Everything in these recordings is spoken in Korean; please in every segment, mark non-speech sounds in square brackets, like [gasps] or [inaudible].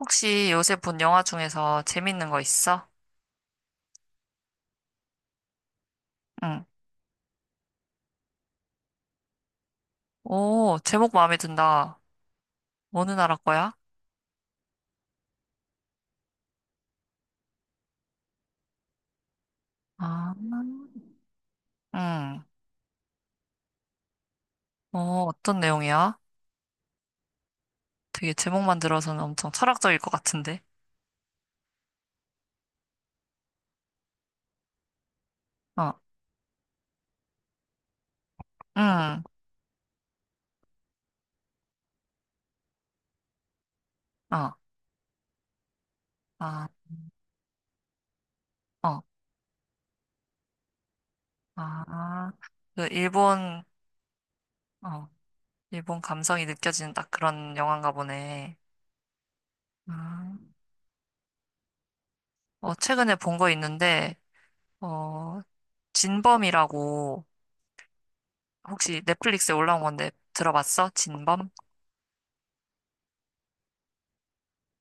혹시 요새 본 영화 중에서 재밌는 거 있어? 응. 오, 제목 마음에 든다. 어느 나라 거야? 아. 응. 어, 어떤 내용이야? 되게 제목만 들어서는 엄청 철학적일 것 같은데. 어, 응, 어, 아, 어, 아. 그 일본, 어, 일본 감성이 느껴지는 딱 그런 영화인가 보네. 아. 어, 최근에 본 거 있는데, 어, 진범이라고 혹시 넷플릭스에 올라온 건데 들어봤어? 진범?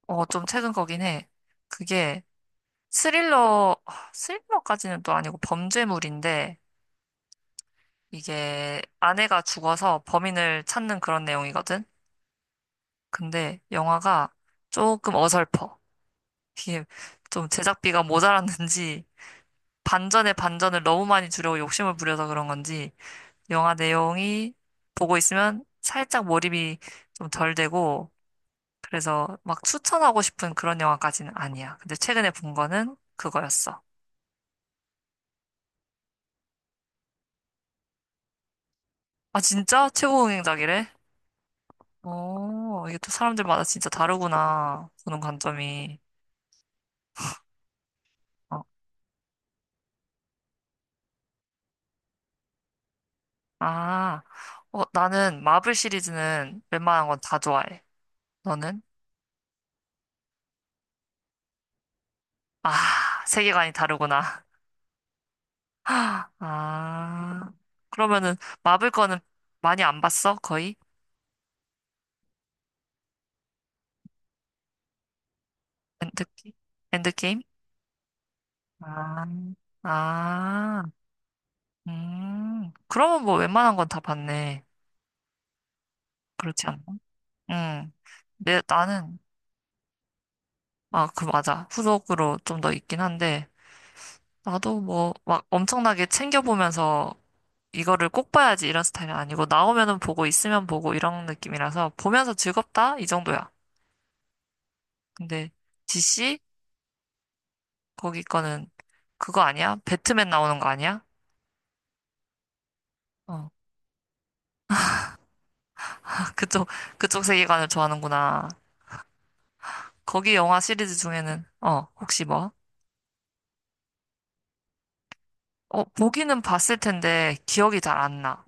어, 좀 최근 거긴 해. 그게 스릴러, 아, 스릴러까지는 또 아니고 범죄물인데, 이게 아내가 죽어서 범인을 찾는 그런 내용이거든? 근데 영화가 조금 어설퍼. 이게 좀 제작비가 모자랐는지, 반전에 반전을 너무 많이 주려고 욕심을 부려서 그런 건지, 영화 내용이 보고 있으면 살짝 몰입이 좀 덜 되고, 그래서 막 추천하고 싶은 그런 영화까지는 아니야. 근데 최근에 본 거는 그거였어. 아, 진짜? 최고 응행작이래. 어, 이게 또 사람들마다 진짜 다르구나. 보는 관점이. 어, 아, 어, 나는 마블 시리즈는 웬만한 건 다 좋아해. 너는? 아, 세계관이 다르구나. [laughs] 아, 그러면은 마블 거는 많이 안 봤어? 거의? 엔드게임? 엔드게임? 아, 아, 그러면 뭐 웬만한 건 다 봤네. 그렇지 않나? 응. 나는, 아, 그 맞아. 후속으로 좀 더 있긴 한데 나도 뭐 막 엄청나게 챙겨보면서 이거를 꼭 봐야지 이런 스타일은 아니고 나오면은 보고 있으면 보고 이런 느낌이라서 보면서 즐겁다 이 정도야. 근데 DC 거기 거는 그거 아니야? 배트맨 나오는 거 아니야? 어. [laughs] 그쪽 그쪽 세계관을 좋아하는구나. 거기 영화 시리즈 중에는 어, 혹시 뭐? 어, 보기는 봤을 텐데 기억이 잘 안 나.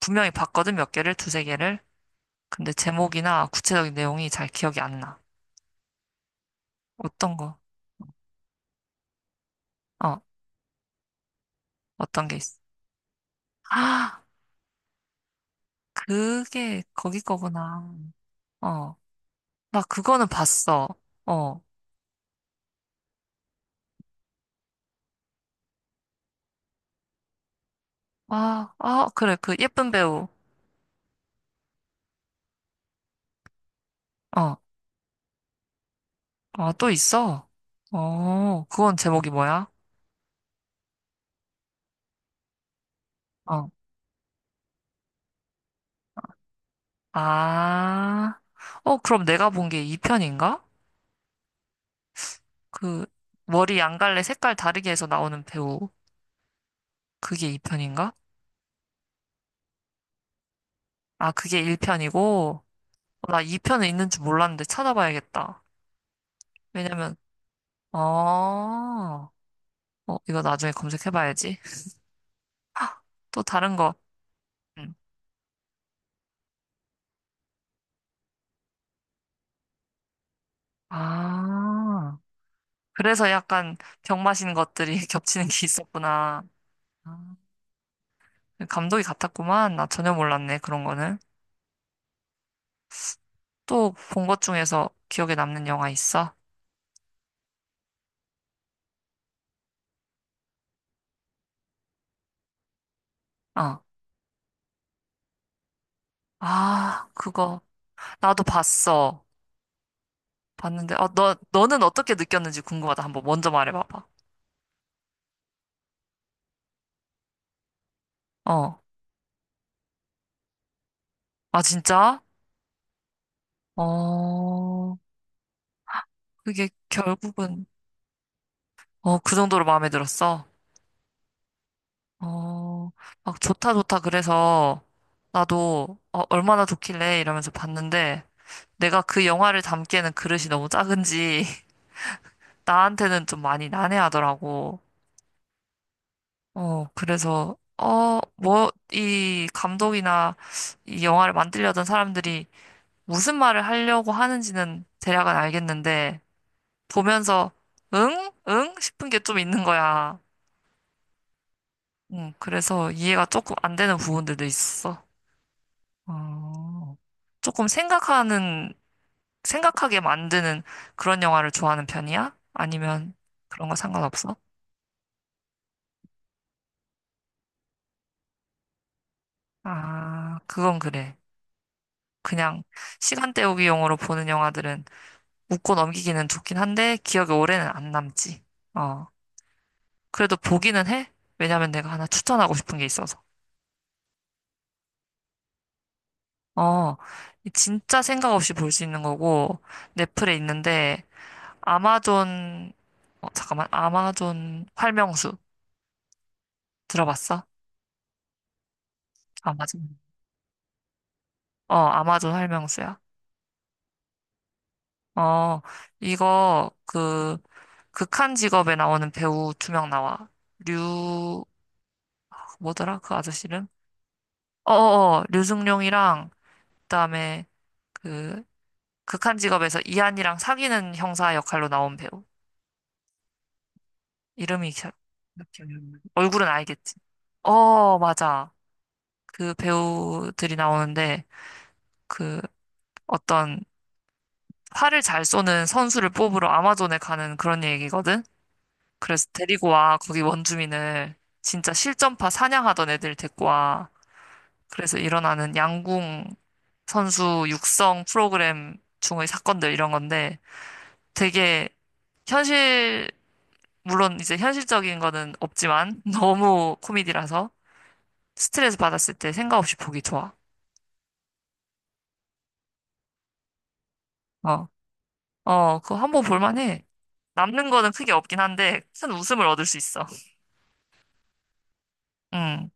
분명히 봤거든, 몇 개를, 두세 개를. 근데 제목이나 구체적인 내용이 잘 기억이 안 나. 어떤 거? 어, 어떤 게 있어? 아, 그게 거기 거구나. 어, 나 그거는 봤어. 어, 아, 아, 그래, 그 예쁜 배우. 어, 아, 또 있어. 어, 그건 제목이 뭐야? 어, 아, 어, 그럼 내가 본 게 2편인가? 그 머리 양갈래 색깔 다르게 해서 나오는 배우. 그게 2편인가? 아, 그게 1편이고. 나 2편은 있는 줄 몰랐는데 찾아봐야겠다. 왜냐면, 어, 어, 이거 나중에 검색해봐야지. 또 다른 거. 응. 아, 그래서 약간 병 마신 것들이 [laughs] 겹치는 게 있었구나. 아, 감독이 같았구만. 나 전혀 몰랐네, 그런 거는. 또 본 것 중에서 기억에 남는 영화 있어? 어. 아, 그거. 나도 봤어. 봤는데, 어, 너는 어떻게 느꼈는지 궁금하다. 한번 먼저 말해봐봐. 어. 아, 진짜? 어, 그게 결국은, 어, 그 정도로 마음에 들었어. 어, 막 좋다 좋다 그래서 나도 어, 얼마나 좋길래 이러면서 봤는데 내가 그 영화를 담기에는 그릇이 너무 작은지 [laughs] 나한테는 좀 많이 난해하더라고. 어, 그래서 어, 뭐, 이 감독이나 이 영화를 만들려던 사람들이 무슨 말을 하려고 하는지는 대략은 알겠는데 보면서 응? 응? 싶은 게 좀 있는 거야. 응, 그래서 이해가 조금 안 되는 부분들도 있어. 어, 조금 생각하는, 생각하게 만드는 그런 영화를 좋아하는 편이야? 아니면 그런 거 상관없어? 아, 그건 그래. 그냥 시간 때우기용으로 보는 영화들은 웃고 넘기기는 좋긴 한데 기억에 오래는 안 남지. 어, 그래도 보기는 해. 왜냐면 내가 하나 추천하고 싶은 게 있어서. 어, 진짜 생각 없이 볼 수 있는 거고 넷플에 있는데 아마존, 어, 잠깐만, 아마존 활명수 들어봤어? 아마존. 어, 아마존 설명서야. 어, 이거 그 극한 직업에 나오는 배우 2명 나와. 류 그 뭐더라? 그 아저씨는? 어어어, 류승룡이랑 그다음에 그 극한 직업에서 이한이랑 사귀는 형사 역할로 나온 배우. 이름이 기억이 안 나네. 얼굴은 알겠지. 어, 맞아. 그 배우들이 나오는데 그 어떤 활을 잘 쏘는 선수를 뽑으러 아마존에 가는 그런 얘기거든. 그래서 데리고 와, 거기 원주민을. 진짜 실전파 사냥하던 애들 데리고 와. 그래서 일어나는 양궁 선수 육성 프로그램 중의 사건들, 이런 건데 되게 현실, 물론 이제 현실적인 거는 없지만 [laughs] 너무 코미디라서 스트레스 받았을 때 생각 없이 보기 좋아. 어, 어, 그거 한 번 볼만해. 남는 거는 크게 없긴 한데 큰 웃음을 얻을 수 있어. 응,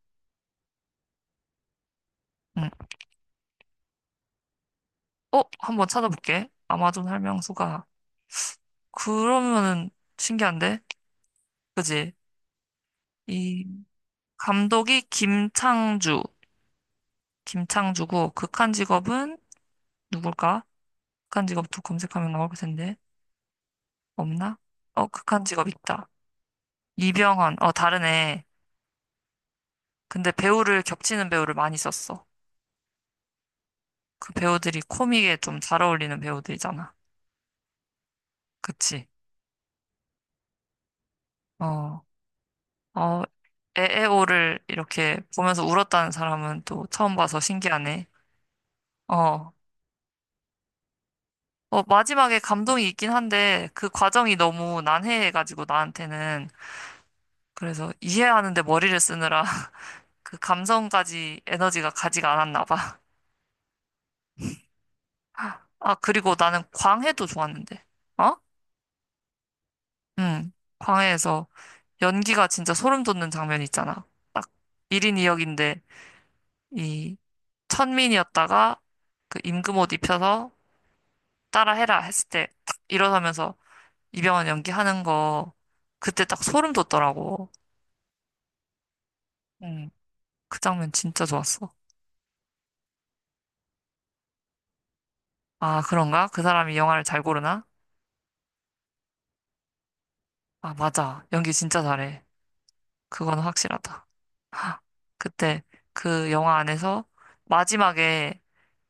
응. 어, 한번 찾아볼게. 아마존 설명서가 그러면은 신기한데? 그지? 이 감독이 김창주, 김창주고 극한 직업은 누굴까? 극한 직업도 검색하면 나올 텐데 없나? 어, 극한 직업 있다. 이병헌, 어 다르네. 근데 배우를, 겹치는 배우를 많이 썼어. 그 배우들이 코믹에 좀 잘 어울리는 배우들이잖아. 그치? 어, 어, 에에오를 이렇게 보면서 울었다는 사람은 또 처음 봐서 신기하네. 어, 어, 마지막에 감동이 있긴 한데 그 과정이 너무 난해해가지고 나한테는 그래서 이해하는데 머리를 쓰느라 [laughs] 그 감성까지 에너지가 가지가 않았나 봐. [laughs] 아, 그리고 나는 광해도 좋았는데. 어? 응. 광해에서 연기가 진짜 소름 돋는 장면 있잖아. 딱 1인 2역인데 이 역인데 이 천민이었다가 그 임금 옷 입혀서 따라해라 했을 때 딱 일어서면서 이병헌 연기하는 거 그때 딱 소름 돋더라고. 응. 그 장면 진짜 좋았어. 아, 그런가? 그 사람이 영화를 잘 고르나? 아, 맞아. 연기 진짜 잘해. 그건 확실하다. [gasps] 하, 그때 그 영화 안에서 마지막에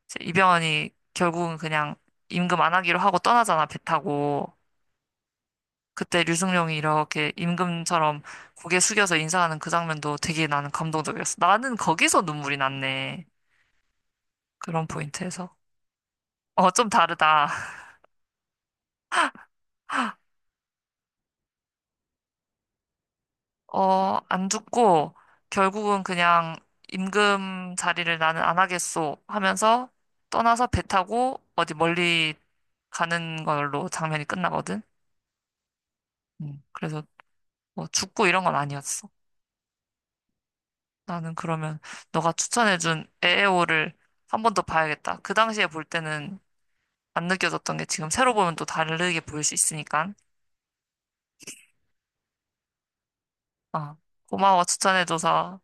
이제 이병헌이 결국은 그냥 임금 안 하기로 하고 떠나잖아, 배 타고. 그때 류승룡이 이렇게 임금처럼 고개 숙여서 인사하는 그 장면도 되게 나는 감동적이었어. 나는 거기서 눈물이 났네. 그런 포인트에서. 어, 좀 다르다. 어, 안 듣고 결국은 그냥 임금 자리를 나는 안 하겠소 하면서 떠나서 배 타고 어디 멀리 가는 걸로 장면이 끝나거든. 그래서 뭐 죽고 이런 건 아니었어. 나는 그러면 너가 추천해준 에에오를 한 번 더 봐야겠다. 그 당시에 볼 때는 안 느껴졌던 게 지금 새로 보면 또 다르게 보일 수 있으니까. 어, 고마워 추천해줘서.